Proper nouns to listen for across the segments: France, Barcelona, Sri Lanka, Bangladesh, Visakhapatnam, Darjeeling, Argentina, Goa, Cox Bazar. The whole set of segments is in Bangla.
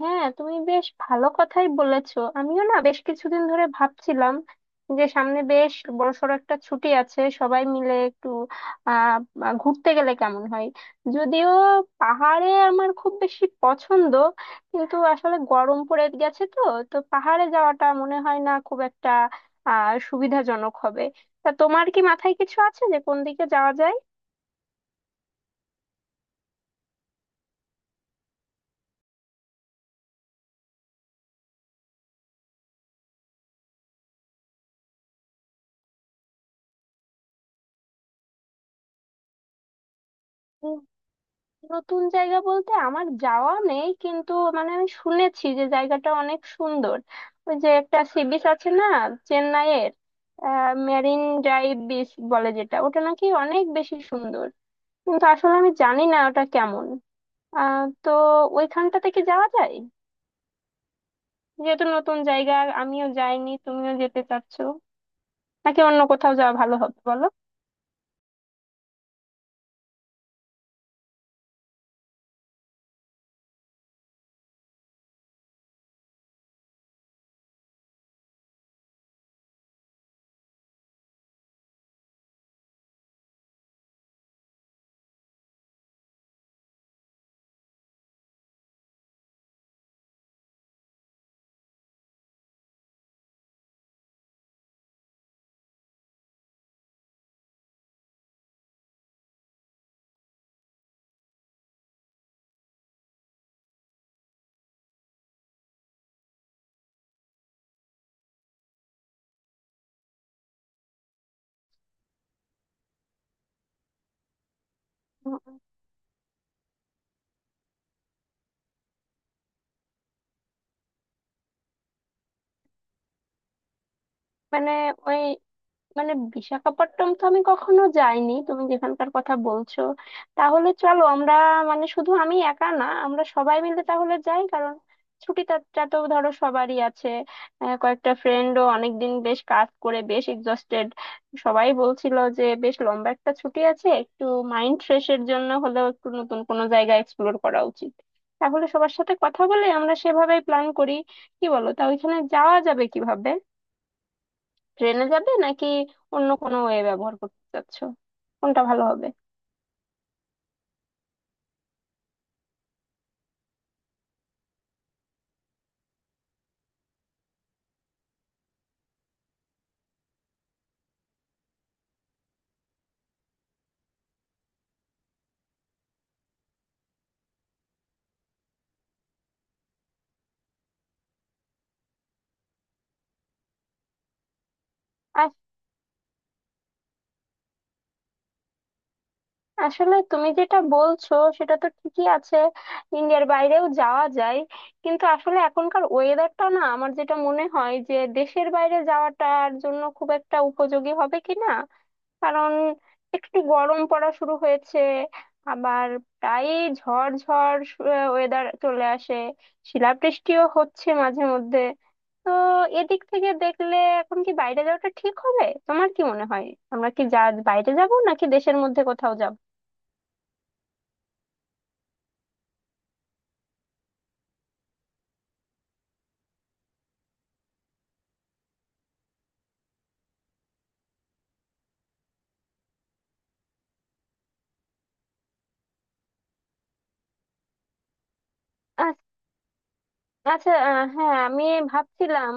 হ্যাঁ, তুমি বেশ ভালো কথাই বলেছো। আমিও না বেশ কিছুদিন ধরে ভাবছিলাম যে সামনে বেশ বড়সড় একটা ছুটি আছে, সবাই মিলে একটু আহ আহ, ঘুরতে গেলে কেমন হয়। যদিও পাহাড়ে আমার খুব বেশি পছন্দ, কিন্তু আসলে গরম পড়ে গেছে, তো তো পাহাড়ে যাওয়াটা মনে হয় না খুব একটা সুবিধাজনক হবে। তা তোমার কি মাথায় কিছু আছে যে কোন দিকে যাওয়া যায়? নতুন জায়গা বলতে আমার যাওয়া নেই, কিন্তু মানে আমি শুনেছি যে জায়গাটা অনেক সুন্দর। ওই যে একটা সি বিচ আছে না, চেন্নাইয়ের মেরিন ড্রাইভ বিচ বলে যেটা, ওটা নাকি অনেক বেশি সুন্দর। কিন্তু আসলে আমি জানি না ওটা কেমন। তো ওইখানটাতে কি যাওয়া যায়, যেহেতু নতুন জায়গা? আমিও যাইনি, তুমিও যেতে চাচ্ছো, নাকি অন্য কোথাও যাওয়া ভালো হবে, বলো? উম, মানে ওই মানে বিশাখাপট্টনম তো আমি কখনো যাইনি, তুমি যেখানকার কথা বলছো। তাহলে চলো আমরা, মানে শুধু আমি একা না, আমরা সবাই মিলে তাহলে যাই, কারণ ছুটিটা তো ধরো সবারই আছে। কয়েকটা ফ্রেন্ডও অনেকদিন বেশ কাজ করে বেশ এক্সস্টেড। সবাই বলছিল যে বেশ লম্বা একটা ছুটি আছে, একটু মাইন্ড ফ্রেশের জন্য হলেও একটু নতুন কোনো জায়গা এক্সপ্লোর করা উচিত। তাহলে সবার সাথে কথা বলে আমরা সেভাবেই প্ল্যান করি, কি বলো? তা ওইখানে যাওয়া যাবে কিভাবে? ট্রেনে যাবে, নাকি অন্য কোনো ওয়ে ব্যবহার করতে চাচ্ছো? কোনটা ভালো হবে? আসলে তুমি যেটা বলছো সেটা তো ঠিকই আছে, ইন্ডিয়ার বাইরেও যাওয়া যায়। কিন্তু আসলে এখনকার ওয়েদারটা না, আমার যেটা মনে হয়, যে দেশের বাইরে যাওয়াটার জন্য খুব একটা উপযোগী হবে কি না। কারণ একটু গরম পড়া শুরু হয়েছে। আবার প্রায় ঝড় ঝড় ওয়েদার চলে আসে, শিলাবৃষ্টিও হচ্ছে মাঝে মধ্যে। তো এদিক থেকে দেখলে এখন কি বাইরে যাওয়াটা ঠিক হবে, তোমার কি মনে হয়? আমরা কি যা বাইরে যাব, নাকি দেশের মধ্যে কোথাও যাব? আচ- আচ্ছা, হ্যাঁ, আমি ভাবছিলাম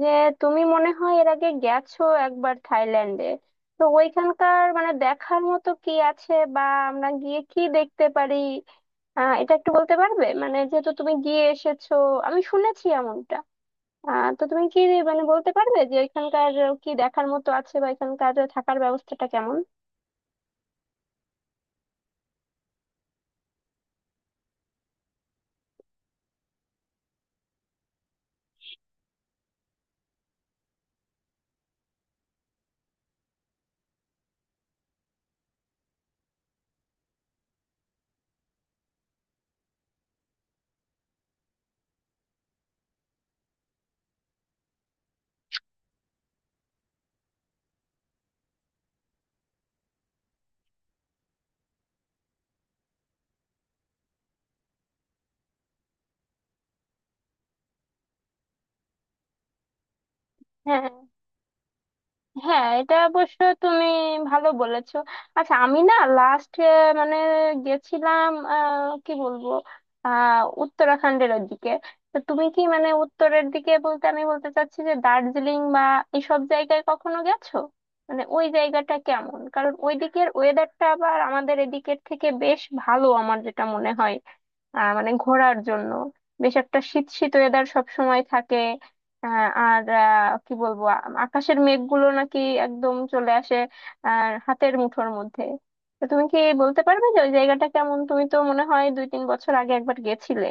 যে তুমি মনে হয় এর আগে গেছো একবার থাইল্যান্ডে। তো ওইখানকার মানে দেখার মতো কি আছে বা আমরা গিয়ে কি দেখতে পারি? এটা একটু বলতে পারবে, মানে যেহেতু তুমি গিয়ে এসেছো, আমি শুনেছি এমনটা। তো তুমি কি মানে বলতে পারবে যে এখানকার কি দেখার মতো আছে বা এখানকার থাকার ব্যবস্থাটা কেমন? হ্যাঁ, হ্যাঁ, এটা অবশ্য তুমি ভালো বলেছো। আচ্ছা, আমি না লাস্ট মানে গেছিলাম কি বলবো, উত্তরাখণ্ডের ওদিকে। তো তুমি কি মানে উত্তরের দিকে বলতে আমি বলতে চাচ্ছি যে দার্জিলিং বা এসব জায়গায় কখনো গেছো? মানে ওই জায়গাটা কেমন, কারণ ওই দিকের ওয়েদারটা আবার আমাদের এদিকের থেকে বেশ ভালো আমার যেটা মনে হয়। মানে ঘোরার জন্য বেশ একটা শীত শীত ওয়েদার সব সময় থাকে। আর কি বলবো, আকাশের মেঘগুলো নাকি একদম চলে আসে আর হাতের মুঠোর মধ্যে। তো তুমি কি বলতে পারবে যে ওই জায়গাটা কেমন? তুমি তো মনে হয় দুই তিন বছর আগে একবার গেছিলে।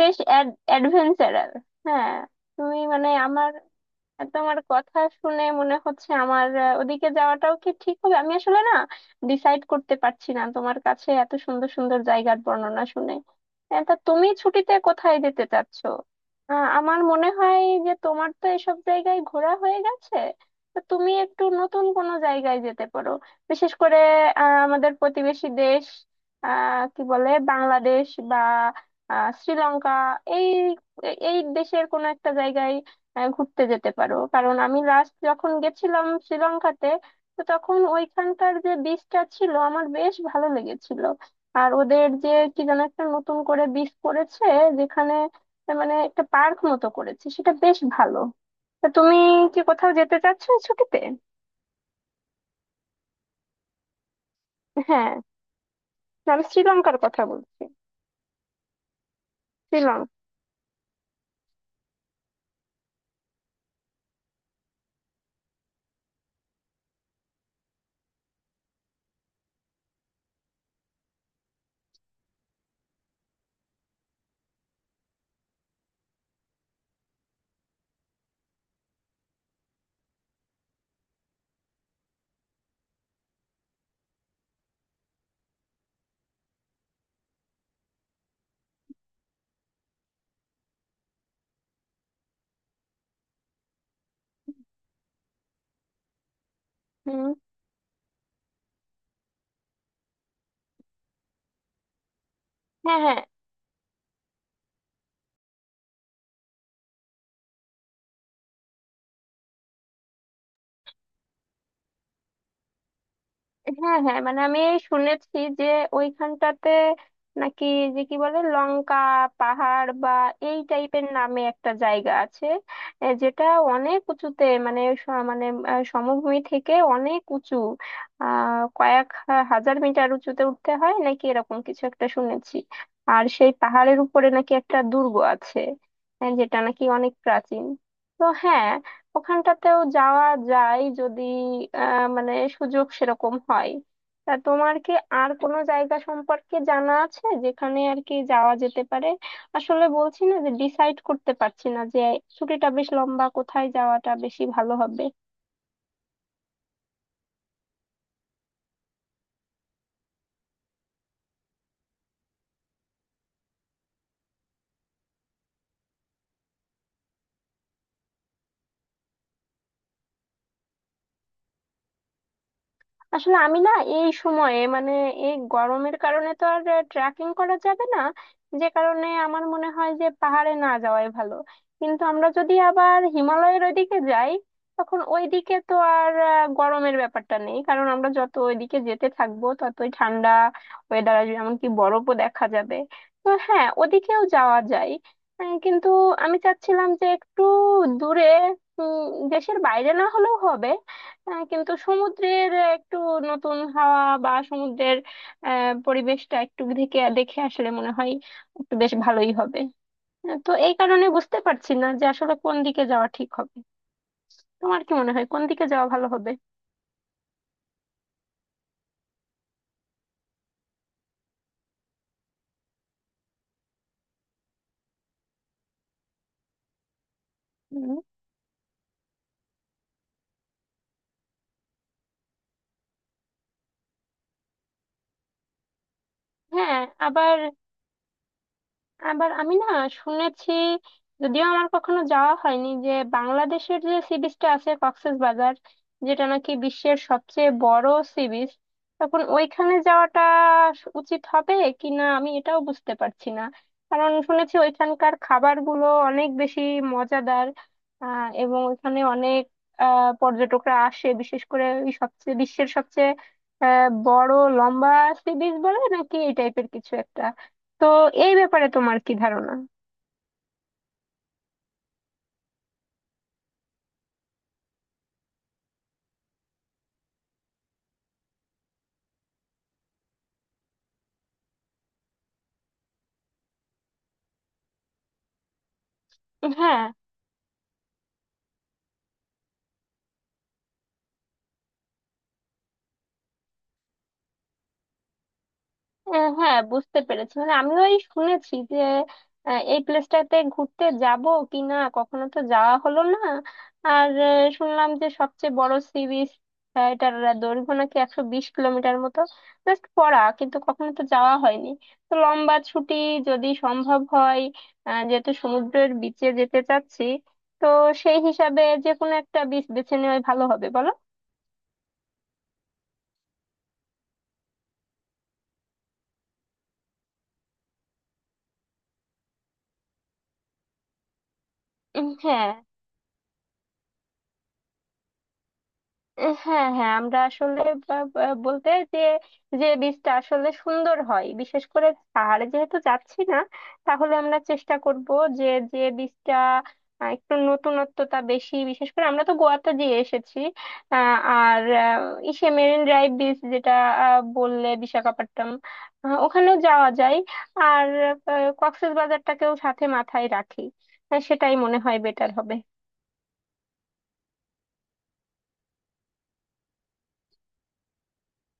বেশ অ্যাডভেঞ্চারাল। হ্যাঁ, তুমি মানে আমার, আর তোমার কথা শুনে মনে হচ্ছে আমার ওদিকে যাওয়াটাও কি ঠিক হবে। আমি আসলে না ডিসাইড করতে পারছি না, তোমার কাছে এত সুন্দর সুন্দর জায়গার বর্ণনা শুনে। তা তুমি ছুটিতে কোথায় যেতে চাচ্ছো? আমার মনে হয় যে তোমার তো এসব জায়গায় ঘোরা হয়ে গেছে, তো তুমি একটু নতুন কোনো জায়গায় যেতে পারো। বিশেষ করে আমাদের প্রতিবেশী দেশ, কি বলে, বাংলাদেশ বা শ্রীলঙ্কা, এই এই দেশের কোনো একটা জায়গায় ঘুরতে যেতে পারো। কারণ আমি লাস্ট যখন গেছিলাম শ্রীলঙ্কাতে, তো তখন ওইখানকার যে বিচটা ছিল আমার বেশ ভালো লেগেছিল। আর ওদের যে কি যেন একটা নতুন করে বিচ করেছে, যেখানে মানে একটা পার্ক মতো করেছে, সেটা বেশ ভালো। তা তুমি কি কোথাও যেতে চাচ্ছ এই ছুটিতে? হ্যাঁ, আমি শ্রীলঙ্কার কথা বলছি। শ্রীলঙ্কা। হুম। হ্যাঁ, হ্যাঁ, হ্যাঁ, হ্যাঁ, মানে আমি শুনেছি যে ওইখানটাতে নাকি, যে কি বলে, লঙ্কা পাহাড় বা এই টাইপের নামে একটা জায়গা আছে, যেটা অনেক উঁচুতে, মানে মানে সমভূমি থেকে অনেক উঁচু, কয়েক হাজার মিটার উঁচুতে উঠতে হয় নাকি, এরকম কিছু একটা শুনেছি। আর সেই পাহাড়ের উপরে নাকি একটা দুর্গ আছে, যেটা নাকি অনেক প্রাচীন। তো হ্যাঁ, ওখানটাতেও যাওয়া যায় যদি মানে সুযোগ সেরকম হয়। তা তোমার কি আর কোনো জায়গা সম্পর্কে জানা আছে যেখানে আর কি যাওয়া যেতে পারে? আসলে বলছি না যে ডিসাইড করতে পারছি না যে, ছুটিটা বেশ লম্বা, কোথায় যাওয়াটা বেশি ভালো হবে। আসলে আমি না এই সময়ে মানে এই গরমের কারণে তো আর ট্রেকিং করা যাবে না, যে কারণে আমার মনে হয় যে পাহাড়ে না যাওয়াই ভালো। কিন্তু আমরা যদি আবার হিমালয়ের ওইদিকে যাই, তখন ওইদিকে তো আর গরমের ব্যাপারটা নেই, কারণ আমরা যত ওইদিকে যেতে থাকবো ততই ঠান্ডা ওয়েদার আসবে, এমনকি বরফও দেখা যাবে। তো হ্যাঁ, ওদিকেও যাওয়া যায়। কিন্তু আমি চাচ্ছিলাম যে একটু দূরে, দেশের বাইরে না হলেও হবে, হ্যাঁ, কিন্তু সমুদ্রের একটু নতুন হাওয়া বা সমুদ্রের পরিবেশটা একটু দেখে দেখে আসলে মনে হয় একটু বেশ ভালোই হবে। তো এই কারণে বুঝতে পারছি না যে আসলে কোন দিকে যাওয়া ঠিক হবে। তোমার কি মনে হয় কোন দিকে যাওয়া ভালো হবে? উম, হ্যাঁ। আবার আবার আমি না শুনেছি, যদিও আমার কখনো যাওয়া হয়নি, যে বাংলাদেশের যে সি বিচটা আছে, কক্সবাজার, যেটা নাকি বিশ্বের সবচেয়ে বড় সি বিচ। তখন ওইখানে যাওয়াটা উচিত হবে কি না আমি এটাও বুঝতে পারছি না, কারণ শুনেছি ওইখানকার খাবারগুলো অনেক বেশি মজাদার। এবং ওইখানে অনেক পর্যটকরা আসে, বিশেষ করে ওই সবচেয়ে, বিশ্বের সবচেয়ে বড় লম্বা সি বিচ বলে নাকি এই টাইপের কিছু একটা। তো এই ব্যাপারে তোমার কি ধারণা? হ্যাঁ হ্যাঁ, বুঝতে পেরেছি, মানে আমিও এই শুনেছি যে এই প্লেসটাতে ঘুরতে যাব কি না, কখনো তো যাওয়া হলো না। আর শুনলাম যে সবচেয়ে বড় সি বিচ, এটার দৈর্ঘ্য নাকি 120 কিলোমিটার মতো, জাস্ট পড়া, কিন্তু কখনো তো যাওয়া হয়নি। তো লম্বা ছুটি, যদি সম্ভব হয়, যেহেতু সমুদ্রের বিচে যেতে চাচ্ছি, তো সেই হিসাবে যে কোনো একটা বিচ বেছে নেওয়াই ভালো হবে, বলো? হ্যাঁ। হ্যাঁ, হ্যাঁ, আমরা আসলে বা- বা- বলতে যে যে বীজটা আসলে সুন্দর হয়, বিশেষ করে পাহাড়ে যেহেতু যাচ্ছি না, তাহলে আমরা চেষ্টা করব যে যে বীজটা একটু নতুনত্বতা বেশি। বিশেষ করে আমরা তো গোয়াতে দিয়ে এসেছি। আর ইসে মেরিন ড্রাইভ বীজ যেটা বললে বিশাখাপট্টনম, ওখানেও যাওয়া যায়। আর কক্সবাজারটাকেও সাথে মাথায় রাখি, সেটাই মনে হয় বেটার হবে।